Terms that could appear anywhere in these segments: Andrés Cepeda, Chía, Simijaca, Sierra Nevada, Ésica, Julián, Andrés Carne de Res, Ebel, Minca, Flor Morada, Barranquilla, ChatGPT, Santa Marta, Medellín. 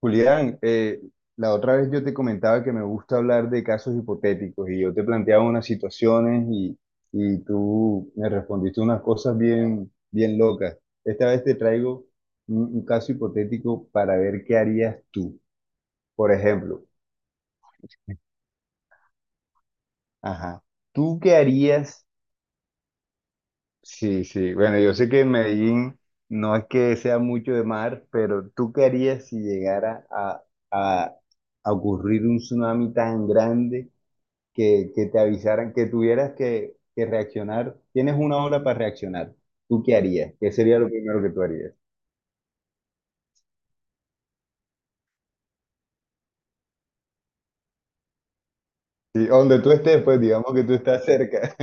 Julián, la otra vez yo te comentaba que me gusta hablar de casos hipotéticos y yo te planteaba unas situaciones y tú me respondiste unas cosas bien, bien locas. Esta vez te traigo un caso hipotético para ver qué harías tú. Por ejemplo, ajá, ¿tú qué harías? Sí, sí, bueno, yo sé que en Medellín no es que sea mucho de mar, pero ¿tú qué harías si llegara a a ocurrir un tsunami tan grande? Que te avisaran, que tuvieras que reaccionar, tienes una hora para reaccionar, ¿tú qué harías? ¿Qué sería lo primero que tú harías? Sí, donde tú estés, pues digamos que tú estás cerca.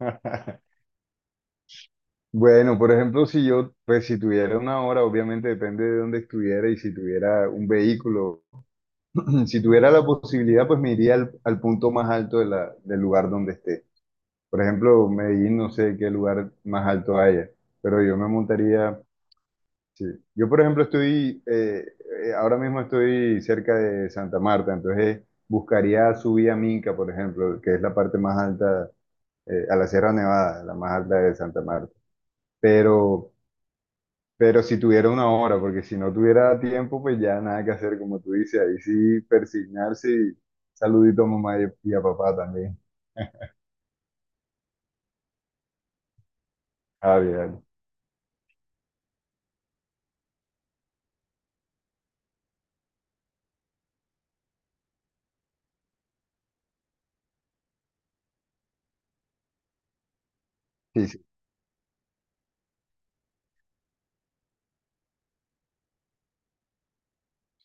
Bueno, por ejemplo, si yo, pues si tuviera una hora, obviamente depende de dónde estuviera y si tuviera un vehículo, si tuviera la posibilidad, pues me iría al punto más alto de del lugar donde esté. Por ejemplo, Medellín, no sé qué lugar más alto haya, pero yo me montaría. Sí. Yo, por ejemplo, estoy, ahora mismo estoy cerca de Santa Marta, entonces buscaría subir a Minca, por ejemplo, que es la parte más alta, a la Sierra Nevada, la más alta de Santa Marta. Pero, pero si tuviera una hora, porque si no tuviera tiempo, pues ya nada que hacer, como tú dices, ahí sí persignarse y saludito a mamá y a papá también. Ah, bien. Sí, sí,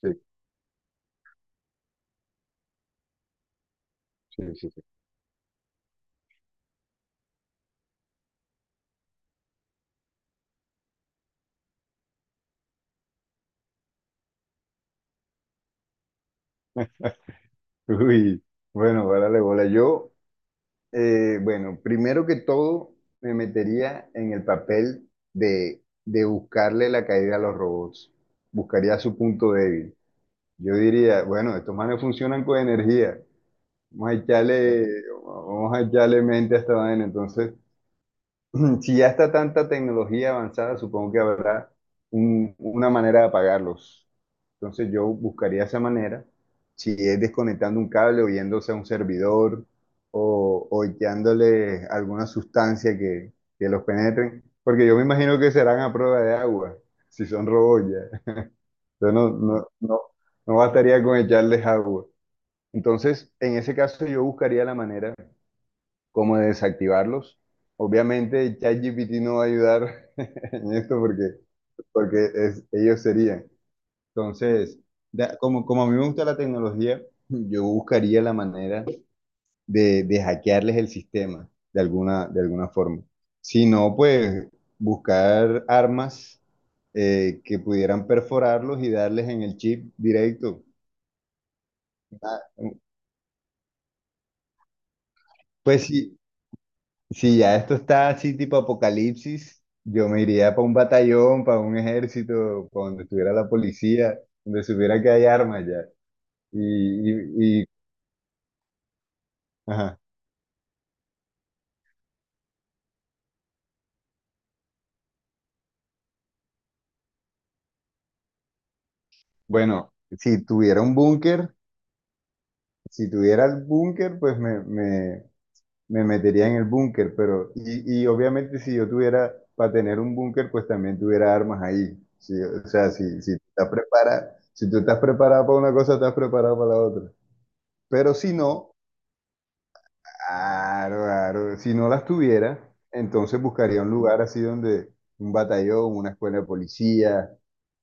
sí, sí, sí, sí. Uy, bueno, párale bola. Yo. Bueno, primero que todo, me metería en el papel de buscarle la caída a los robots. Buscaría su punto débil. Yo diría, bueno, estos manes funcionan con energía. Vamos a echarle, vamos a echarle mente a esta vaina. Entonces, si ya está tanta tecnología avanzada, supongo que habrá una manera de apagarlos. Entonces yo buscaría esa manera, si es desconectando un cable o yéndose a un servidor o echándole alguna sustancia que los penetren, porque yo me imagino que serán a prueba de agua, si son robots ya. Yo no bastaría con echarles agua. Entonces, en ese caso yo buscaría la manera como de desactivarlos. Obviamente ChatGPT no va a ayudar en esto porque ellos serían. Entonces, como, como a mí me gusta la tecnología, yo buscaría la manera de hackearles el sistema de alguna forma. Si no, pues buscar armas que pudieran perforarlos y darles en el chip directo. Ah, mm, pues si, si ya esto está así tipo apocalipsis, yo me iría para un batallón, para un ejército, para donde estuviera la policía, donde supiera que hay armas ya. Y, y, y- ajá. Bueno, si tuviera un búnker, si tuviera el búnker, pues me metería en el búnker, pero, y obviamente si yo tuviera, para tener un búnker, pues también tuviera armas ahí. Sí, o sea, si, si estás preparado, si tú estás preparado para una cosa, estás preparado para la otra. Pero si no, claro, claro. Si no las tuviera, entonces buscaría un lugar así donde un batallón, una escuela de policía,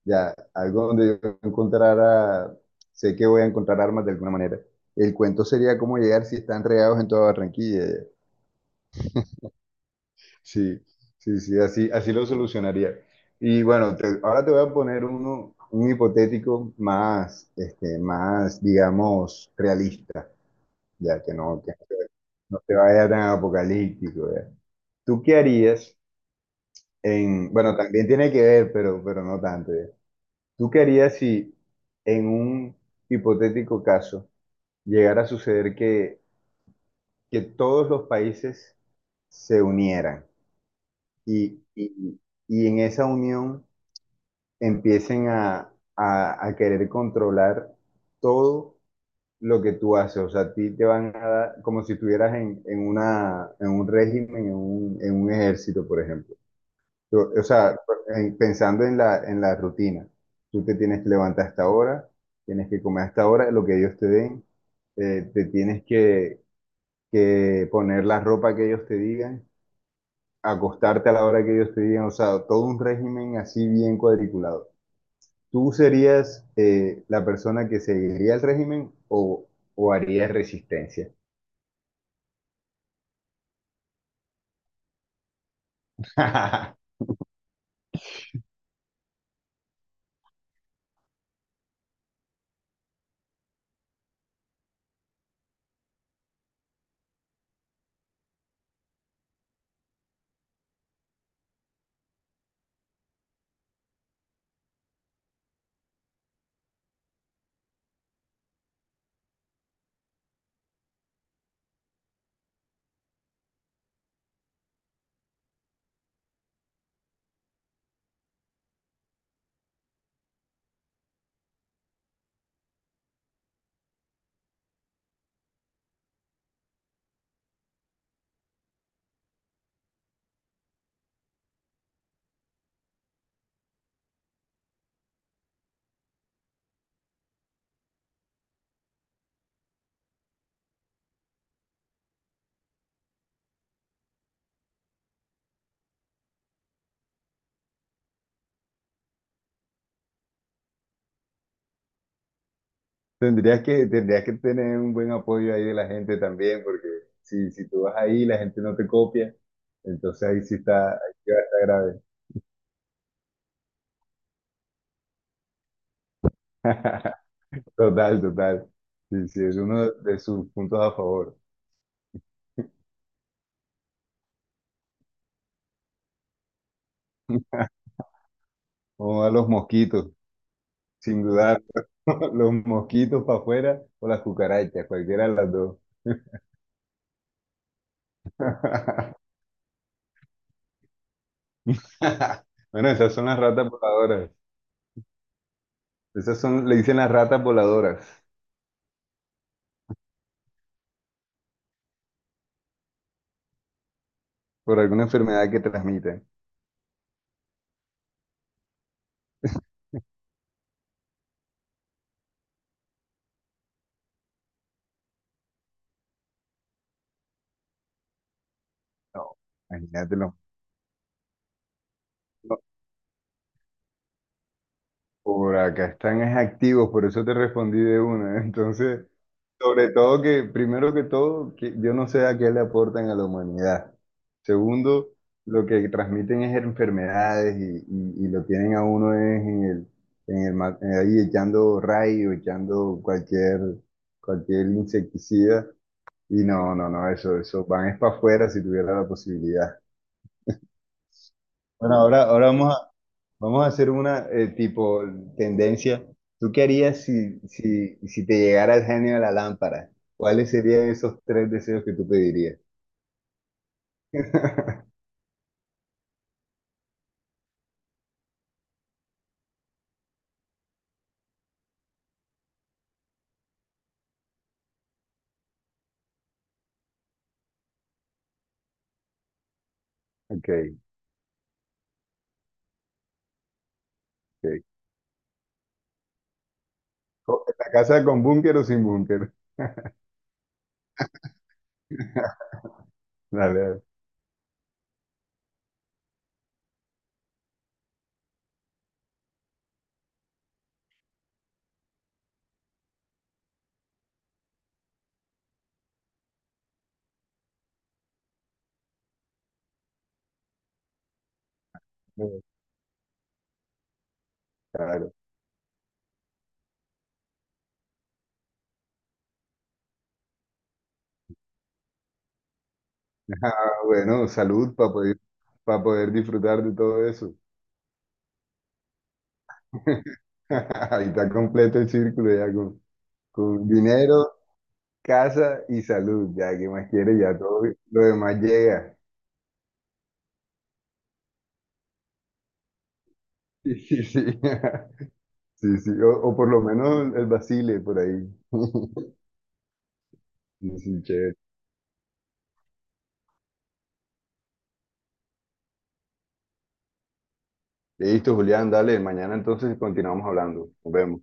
ya, algo donde yo encontrara, sé que voy a encontrar armas de alguna manera. El cuento sería cómo llegar si están regados en toda Barranquilla. Ya. Sí, sí, sí, así, así lo solucionaría. Y bueno, ahora te voy a poner uno, un hipotético más, este, más, digamos, realista, ya que no te vaya tan apocalíptico, ya. ¿Tú qué harías en, bueno, también tiene que ver, pero no tanto ya. ¿Tú qué harías si en un hipotético caso llegara a suceder que todos los países se unieran y, y- y en esa unión empiecen a querer controlar todo lo que tú haces? O sea, a ti te van a dar como si estuvieras en una, en un régimen, en un ejército, por ejemplo. O sea, pensando en la rutina, tú te tienes que levantar a esta hora, tienes que comer a esta hora, lo que ellos te den, te tienes que poner la ropa que ellos te digan, acostarte a la hora que ellos te digan, o sea, todo un régimen así bien cuadriculado. ¿Tú serías la persona que seguiría el régimen o harías resistencia? Tendrías que tener un buen apoyo ahí de la gente también, porque si, si tú vas ahí, la gente no te copia. Entonces ahí sí está, ahí sí va a estar grave. Total, total. Sí, sí, es uno de sus puntos a favor. Vamos a los mosquitos, sin dudar. Los mosquitos para afuera o las cucarachas, cualquiera de las dos. Bueno, esas son las ratas voladoras. Esas son, le dicen las ratas voladoras por alguna enfermedad que transmiten. No, imagínate, por acá están es activos, por eso te respondí de una. Entonces, sobre todo que, primero que todo, que yo no sé a qué le aportan a la humanidad. Segundo, lo que transmiten es enfermedades y lo tienen a uno es en el, ahí echando rayo, echando cualquier, cualquier insecticida. Y no, no, no, eso van es para afuera si tuviera la posibilidad. Bueno, ahora, ahora vamos. Vamos a hacer una tipo tendencia. ¿Tú qué harías si te llegara el genio de la lámpara? ¿Cuáles serían esos tres deseos que tú pedirías? Ok, ok. ¿La casa con búnker o sin búnker? Dale, dale. Bueno, claro. Ah, bueno, salud para poder disfrutar de todo eso. Ahí está completo el círculo ya con dinero, casa y salud. Ya, ¿qué más quieres? Ya todo lo demás llega. Sí, sí, sí. Sí, sí, o por lo menos el Basile por ahí. Sí, sí, chévere. Listo, Julián, dale, mañana entonces continuamos hablando. Nos vemos.